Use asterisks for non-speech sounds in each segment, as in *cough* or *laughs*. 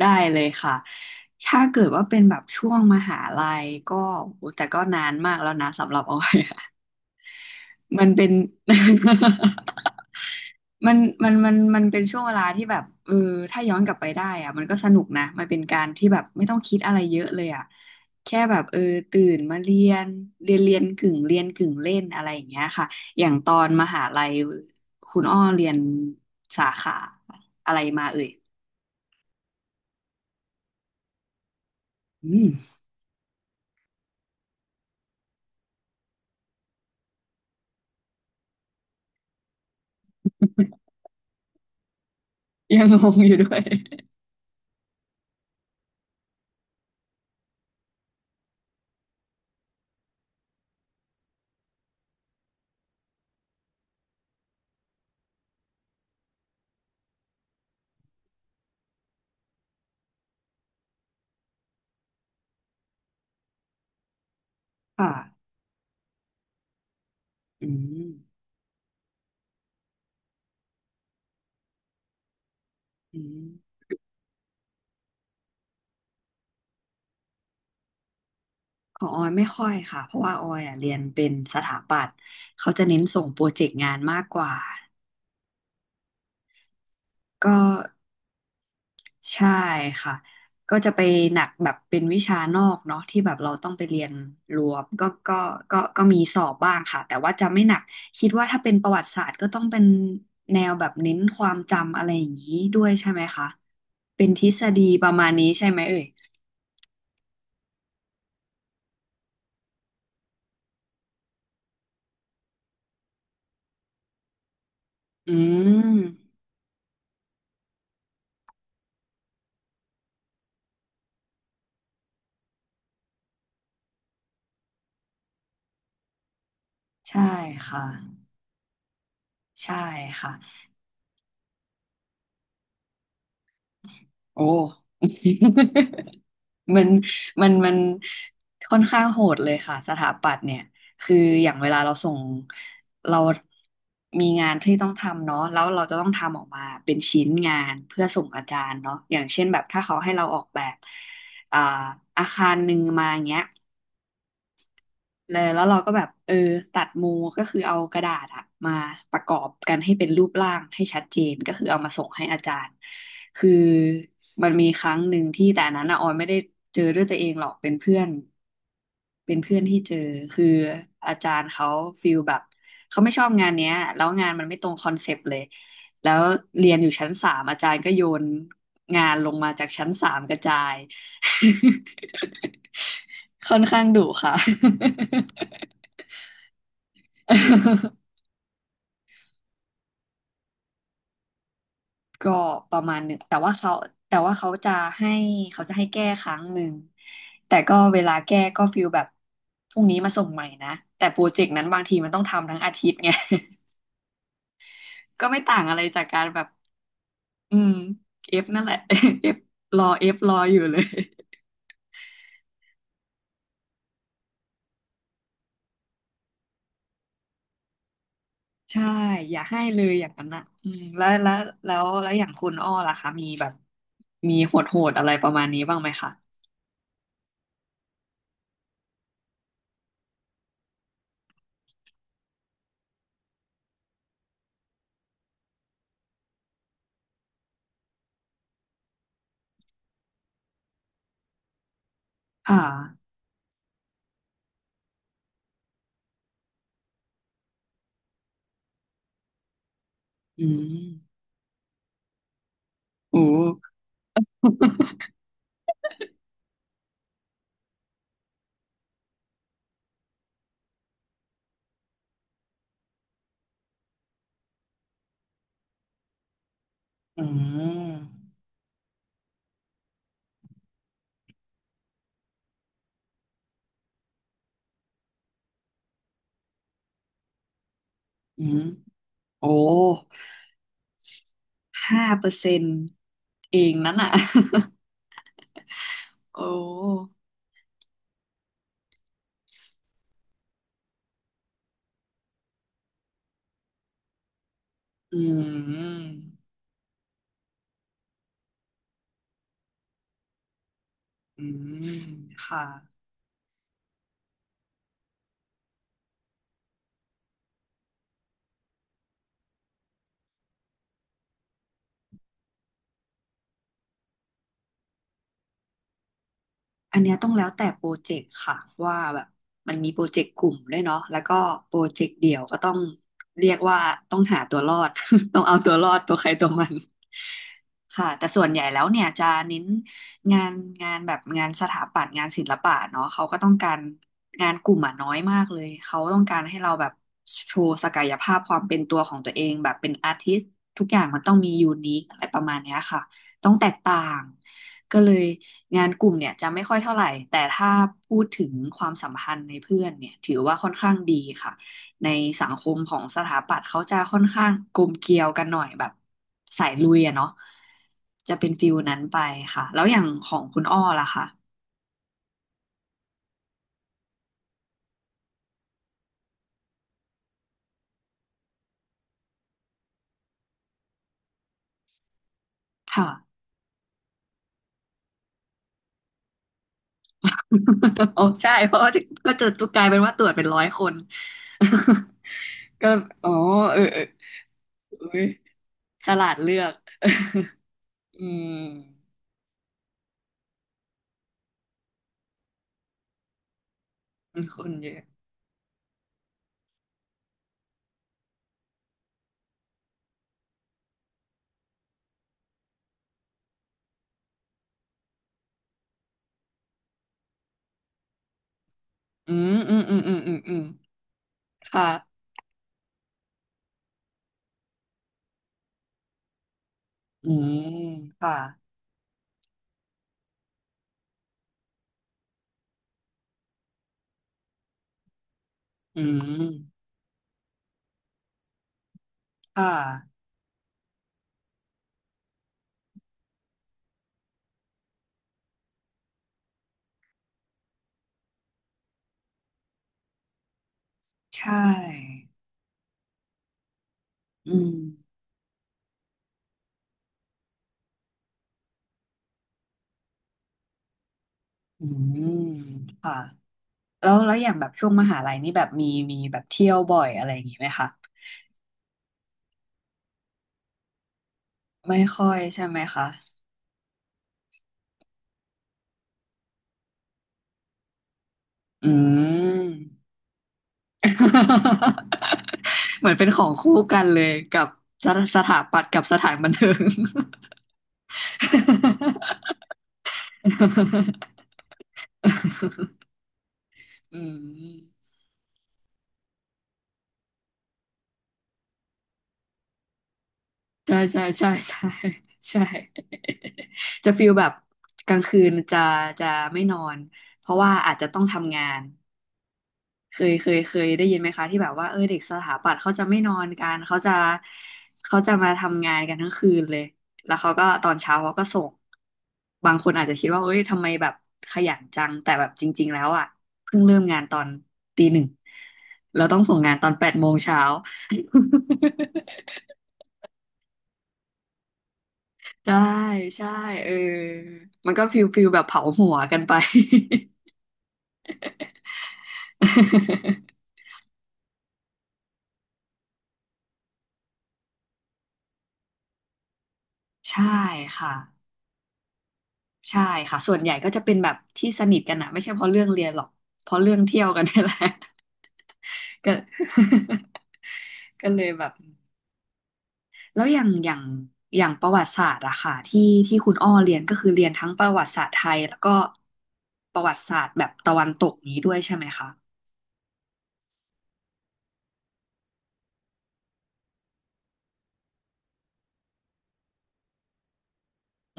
ได้เลยค่ะถ้าเกิดว่าเป็นแบบช่วงมหาลัยก็โอ้แต่ก็นานมากแล้วนะสำหรับออยอะมันเป็น *laughs* มันมันเป็นช่วงเวลาที่แบบเออถ้าย้อนกลับไปได้อะมันก็สนุกนะมันเป็นการที่แบบไม่ต้องคิดอะไรเยอะเลยอะแค่แบบเออตื่นมาเรียนกึ่งเรียนกึ่งเล่นอะไรอย่างเงี้ยค่ะอย่างตอนมหาลัยคุณอ้อเรียนสาขาอะไรมาเอ่ยอืมยังงงอยู่ด้วย ค่ะอืมอืมของออยไม่ค่อยค่ะ เพราะว่าออยอ่ะเรียนเป็นสถาปัตย์เขาจะเน้นส่งโปรเจกต์งานมากกว่าก็ใช่ค่ะ ก็จะไปหนักแบบเป็นวิชานอกเนาะที่แบบเราต้องไปเรียนรวมก็มีสอบบ้างค่ะ แต่ว่าจะไม่หนัก คิดว่าถ้าเป็นประวัติศาสตร์ก็ต้องเป็นแนวแบบเน้นความจำอะไรอย่างนี้ด้วยใช่ไหมคะ เป็นทฤษฎีประมาณนี้ใช่ไหมเอ่ยอืมใช่ค่ะใช่ค่ะ โอ้ *laughs* มันมันค่อนข้างโหดเลยค่ะสถาปัตย์เนี่ย คืออย่างเวลาเราส่ง เรามีงานที่ต้องทำเนาะแล้วเราจะต้องทำออกมาเป็นชิ้นงานเพื่อส่งอาจารย์เนาะอย่างเช่นแบบถ้าเขาให้เราออกแบบอ่าอาคารหนึ่งมาอย่างเงี้ย เลยแล้วเราก็แบบเออตัดมูก็คือเอากระดาษอะมาประกอบกันให้เป็นรูปร่างให้ชัดเจนก็คือเอามาส่งให้อาจารย์คือมันมีครั้งหนึ่งที่แต่อันนั้นอะออยไม่ได้เจอด้วยตัวเองหรอกเป็นเพื่อนเป็นเพื่อนที่เจอคืออาจารย์เขาฟีลแบบเขาไม่ชอบงานเนี้ยแล้วงานมันไม่ตรงคอนเซปต์เลยแล้วเรียนอยู่ชั้นสามอาจารย์ก็โยนงานลงมาจากชั้นสามกระจาย *laughs* ค่อนข้างดุค่ะ *laughs* ก็ประมาณหนึ่งแต่ว่าเขาแต่ว่าเขาให้จะให้แก้ครั้งหนึ่งแต่ก็เวลาแก้ก็ฟีลแบบพรุ่งนี้มาส่งใหม่นะแต่โปรเจกต์นั้นบางทีมันต้องทำทั้งอาทิตย์ไง *laughs* ก็ไม่ต่างอะไรจากการแบบอืมเอฟนั่นแหละ *laughs* เอฟรอเอฟรออยู่เลย *laughs* ใช่อย่าให้เลยอย่างนั้นอ่ะอืมแล้วอย่างคุณอ้อล่ะคะมีแบบ มีโหดๆอะไรประมาณนี้บ้างไหมคะค่ะ อืมโอ้ *laughs* อืมอืมโอ้5%เองนั้นอ่ะ *laughs* โอ้ อืมอืมค่ะ อันเนี้ยต้องแล้วแต่โปรเจกต์ค่ะว่าแบบมันมีโปรเจกต์กลุ่มด้วยเนาะแล้วก็โปรเจกต์เดี่ยวก็ต้องเรียกว่าต้องหาตัวรอด *laughs* ต้องเอาตัวรอดตัวใครตัวมันค่ะแต่ส่วนใหญ่แล้วเนี่ยจะเน้นงานงานแบบงานสถาปัตย์งานศิลปะเนาะเขาก็ต้องการงานกลุ่มอ่ะน้อยมากเลยเขาต้องการให้เราแบบโชว์ศักยภาพความเป็นตัวของตัวเองแบบเป็นอาร์ติสต์ทุกอย่างมันต้องมียูนิคอะไรประมาณเนี้ยค่ะต้องแตกต่าง ก็เลยงานกลุ่มเนี่ยจะไม่ค่อยเท่าไหร่แต่ถ้าพูดถึงความสัมพันธ์ในเพื่อนเนี่ยถือว่าค่อนข้างดีค่ะในสังคมของสถาปัตย์เขาจะค่อนข้างกลมเกลียวกันหน่อยแบบสายลุยอะเนาะจะเป็นฟิลนั้นไปค่ะแล้วอย่างของคุณอ้อล่ะคะค่ะ *laughs* โอ้ใช่เพราะว่าก็จะกลายเป็นว่าตรวจเป็นร้อยคน *laughs* ก็อ๋อเออเออเอ้ยฉลาดเลือก *laughs* อืมคนเยอะ อืมอืมอืมอืมอืมอืมค่ะอืมค่ะอืมค่ะใช่อืมอืมค่ะแล้วอย่างแบบช่วงมหาลัยนี่แบบมีมีแบบเที่ยวบ่อยอะไรอย่างงี้ไหมคะไม่ค่อยใช่ไหมคะอืม *laughs* เหมือนเป็นของคู่กันเลยกับสถาปัตย์กับสถานบันเทิง *laughs* อืม ใช่ใช่ใช่ใช่ใช่จะฟีลแบบกลางคืนจะจะไม่นอนเพราะว่าอาจจะต้องทำงานเคยได้ยินไหมคะที่แบบว่าเออเด็กสถาปัตย์เขาจะไม่นอนกันเขาจะเขาจะมาทำงานกันทั้งคืนเลยแล้วเขาก็ตอนเช้าเขาก็ส่งบางคนอาจจะคิดว่าเอ้ยทำไมแบบขยันจังแต่แบบจริงๆแล้วอ่ะเพิ่งเริ่มงานตอนตี 1เราต้องส่งงานตอน8 โมงเช้า *laughs* ใช่ใช่เออมันก็ฟิลฟิลแบบเผาหัวกันไป *laughs* ใช่ค่ะใช่ค่ะส่วนใหญ่ก็จะเป็นแบบที่สนิทกันอะไม่ใช่เพราะเรื่องเรียนหรอกเพราะเรื่องเที่ยวกันนี่แหละก็ *laughs* ก็เลยแบบแล้วอย่างประวัติศาสตร์อะค่ะที่ที่คุณอ้อเรียนก็คือเรียนทั้งประวัติศาสตร์ไทยแล้วก็ประวัติศาสตร์แบบตะวันตกนี้ด้วยใช่ไหมคะ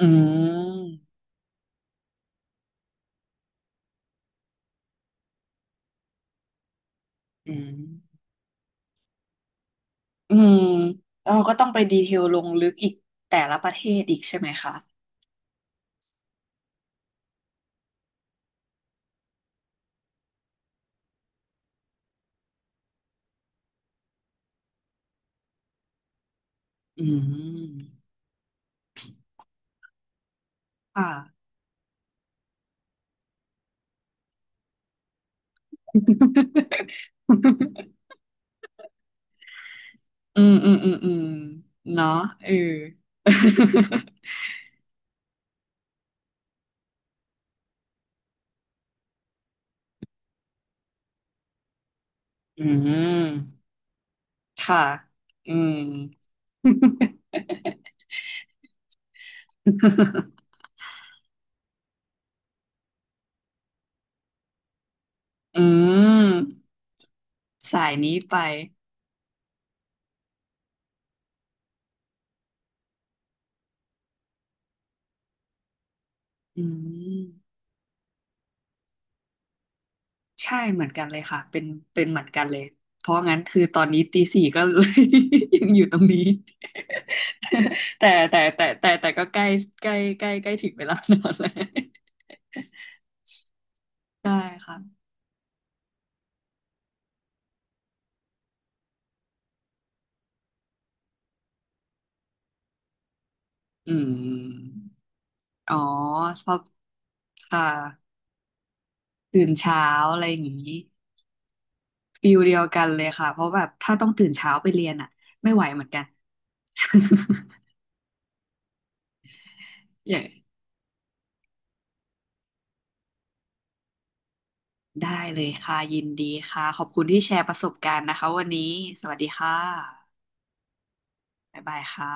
อืมอืม อืมแล้วเราก็ต้องไปดีเทลลงลึกอีกแต่ละประเทศอีกใช่ไหมคะอืมค่ะ *laughs* อืมอืมอืมอืมเนาะเอออืม *laughs* ค่ะอืม *laughs* อืมสายนี้ไปอืม ใช่เหมือนกันเลยค่ะเป็นเหมือนกันเลยเพราะงั้นคือตอนนี้ตี 4ก็เลย *laughs* ยังอยู่ตรงนี้ *laughs* แต่ก็ใกล้ใกล้ถึงเวลานอนแล้ว *laughs* ใช่ค่ะอืมอ๋อเพราะค่ะตื่นเช้าอะไรอย่างนี้ฟิลเดียวกันเลยค่ะเพราะแบบถ้าต้องตื่นเช้าไปเรียนอ่ะไม่ไหวเหมือนกัน *laughs* อย่างได้เลยค่ะยินดีค่ะขอบคุณที่แชร์ประสบการณ์นะคะวันนี้สวัสดีค่ะ บ๊ายบายค่ะ